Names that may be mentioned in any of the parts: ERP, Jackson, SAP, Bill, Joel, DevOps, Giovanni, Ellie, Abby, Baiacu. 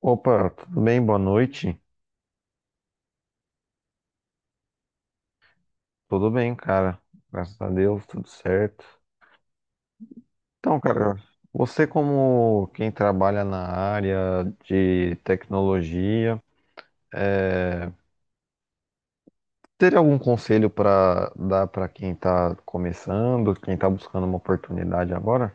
Opa, tudo bem? Boa noite. Tudo bem, cara. Graças a Deus, tudo certo. Então, cara, você como quem trabalha na área de tecnologia, é, teria algum conselho para dar para quem está começando, quem está buscando uma oportunidade agora?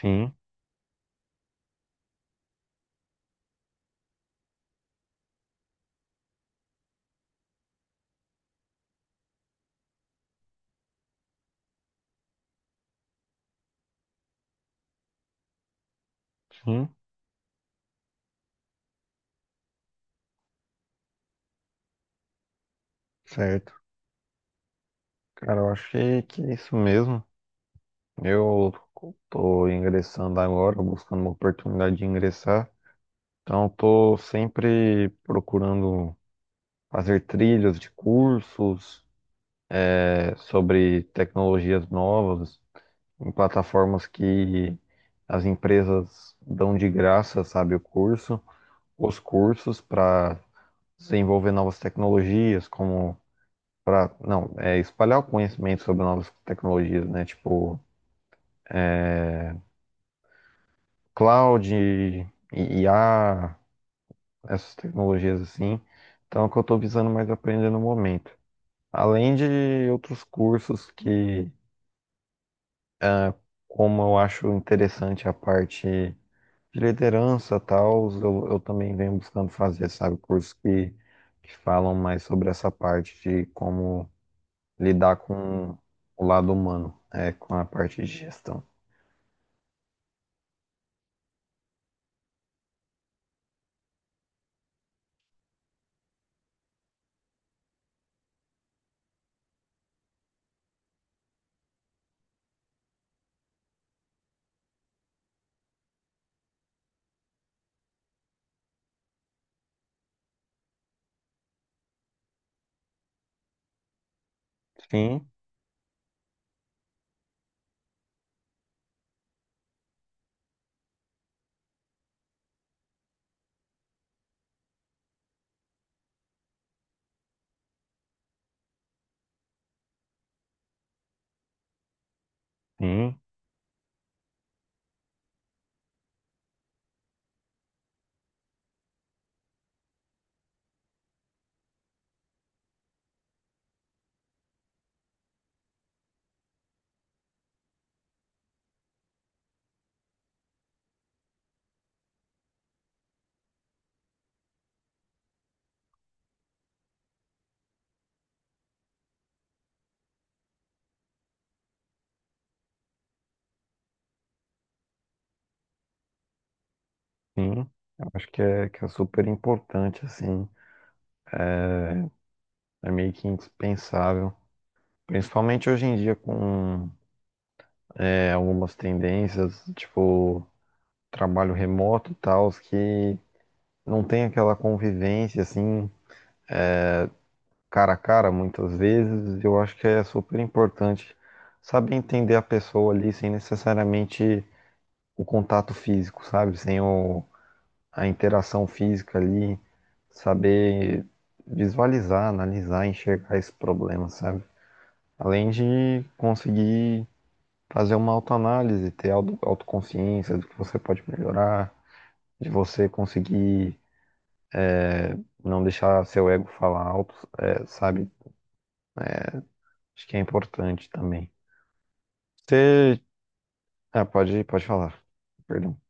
Sim, sim, certo. Cara, eu achei que é isso mesmo. Eu tô ingressando agora, buscando uma oportunidade de ingressar. Então, estou sempre procurando fazer trilhas de cursos sobre tecnologias novas em plataformas que as empresas dão de graça, sabe, o curso, os cursos para desenvolver novas tecnologias, como para, não, é espalhar o conhecimento sobre novas tecnologias, né? Tipo, cloud, IA, essas tecnologias assim. Então, é o que eu estou visando mais aprender no momento. Além de outros cursos que, como eu acho interessante a parte de liderança tal, eu também venho buscando fazer, sabe, cursos que falam mais sobre essa parte de como lidar com o lado humano, é, com a parte de gestão. Sim, sim, sim. Eu acho que é super importante, assim, é meio que indispensável. Principalmente hoje em dia com algumas tendências, tipo trabalho remoto e tal, que não tem aquela convivência assim, cara a cara, muitas vezes. Eu acho que é super importante saber entender a pessoa ali sem necessariamente o contato físico, sabe? Sem a interação física ali, saber visualizar, analisar, enxergar esse problema, sabe? Além de conseguir fazer uma autoanálise, ter autoconsciência do que você pode melhorar, de você conseguir não deixar seu ego falar alto, é, sabe? Acho que é importante também. Você. Ah, pode falar. Perdão.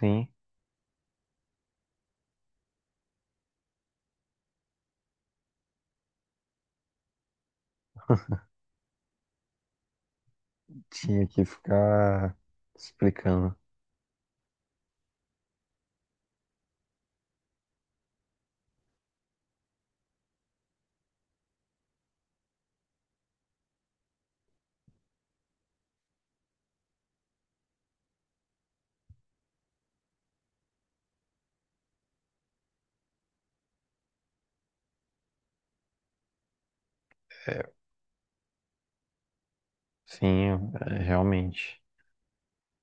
Sim, tinha que ficar explicando. Sim, é, realmente.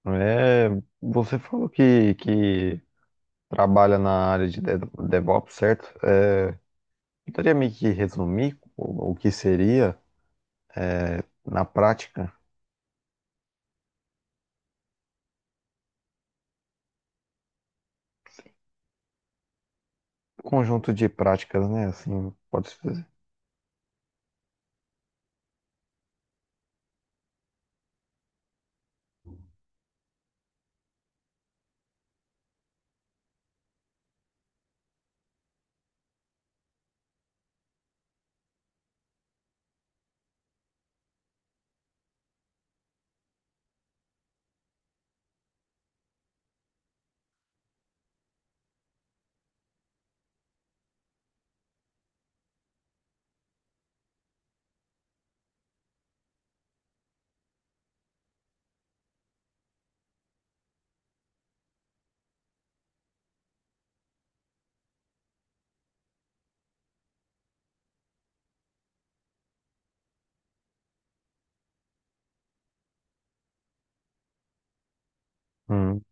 É, você falou que trabalha na área de DevOps, certo? É, poderia meio que resumir o que seria, na prática, um conjunto de práticas, né? Assim, pode-se dizer. Hum,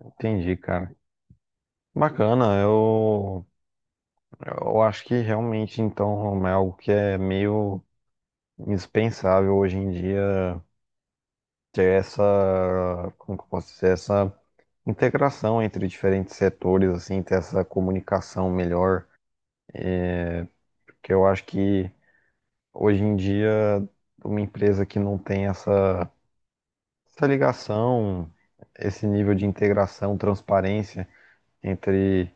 entendi, cara. Bacana, eu acho que realmente, então, é algo que é meio indispensável hoje em dia ter essa, como que eu posso dizer, essa integração entre diferentes setores, assim, ter essa comunicação melhor, porque eu acho que hoje em dia uma empresa que não tem essa, essa ligação, esse nível de integração, transparência entre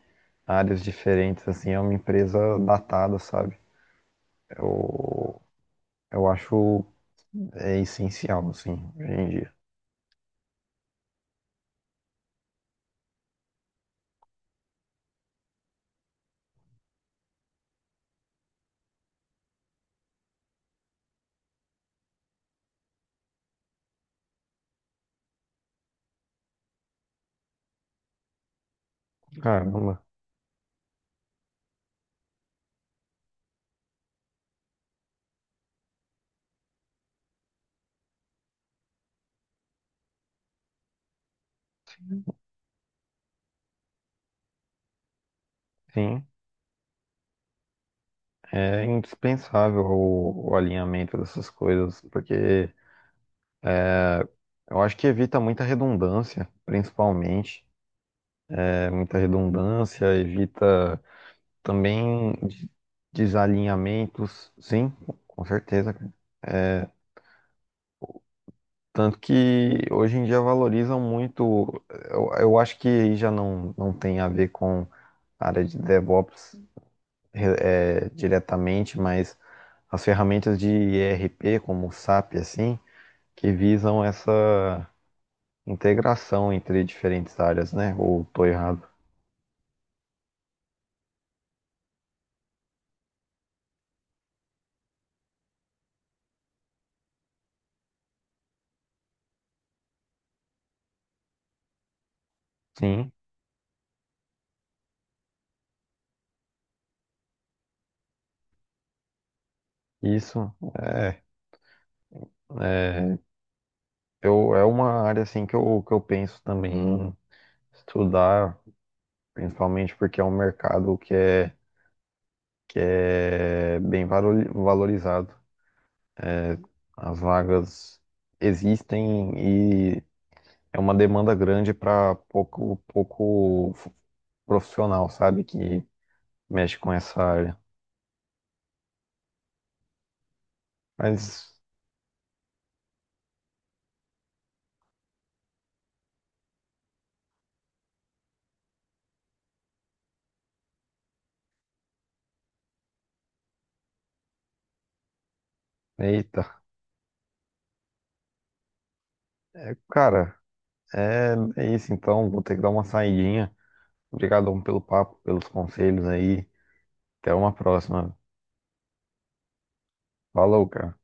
áreas diferentes, assim, é uma empresa datada, sabe? Eu, eu acho é essencial, assim, hoje em dia. Caramba, sim. É indispensável o alinhamento dessas coisas, porque eu acho que evita muita redundância, principalmente. É, muita redundância, evita também desalinhamentos, sim, com certeza, cara. Tanto que hoje em dia valorizam muito, eu acho que aí já não tem a ver com a área de DevOps diretamente, mas as ferramentas de ERP, como o SAP, assim, que visam essa integração entre diferentes áreas, né? Ou tô errado? Sim. Isso é, é, é uma área assim que eu penso também em estudar, principalmente porque é um mercado que é bem valorizado. As vagas existem e é uma demanda grande para pouco, pouco profissional, sabe, que mexe com essa área. Mas, eita, é, cara, é, é isso então, vou ter que dar uma saidinha. Obrigadão pelo papo, pelos conselhos aí. Até uma próxima. Falou, cara.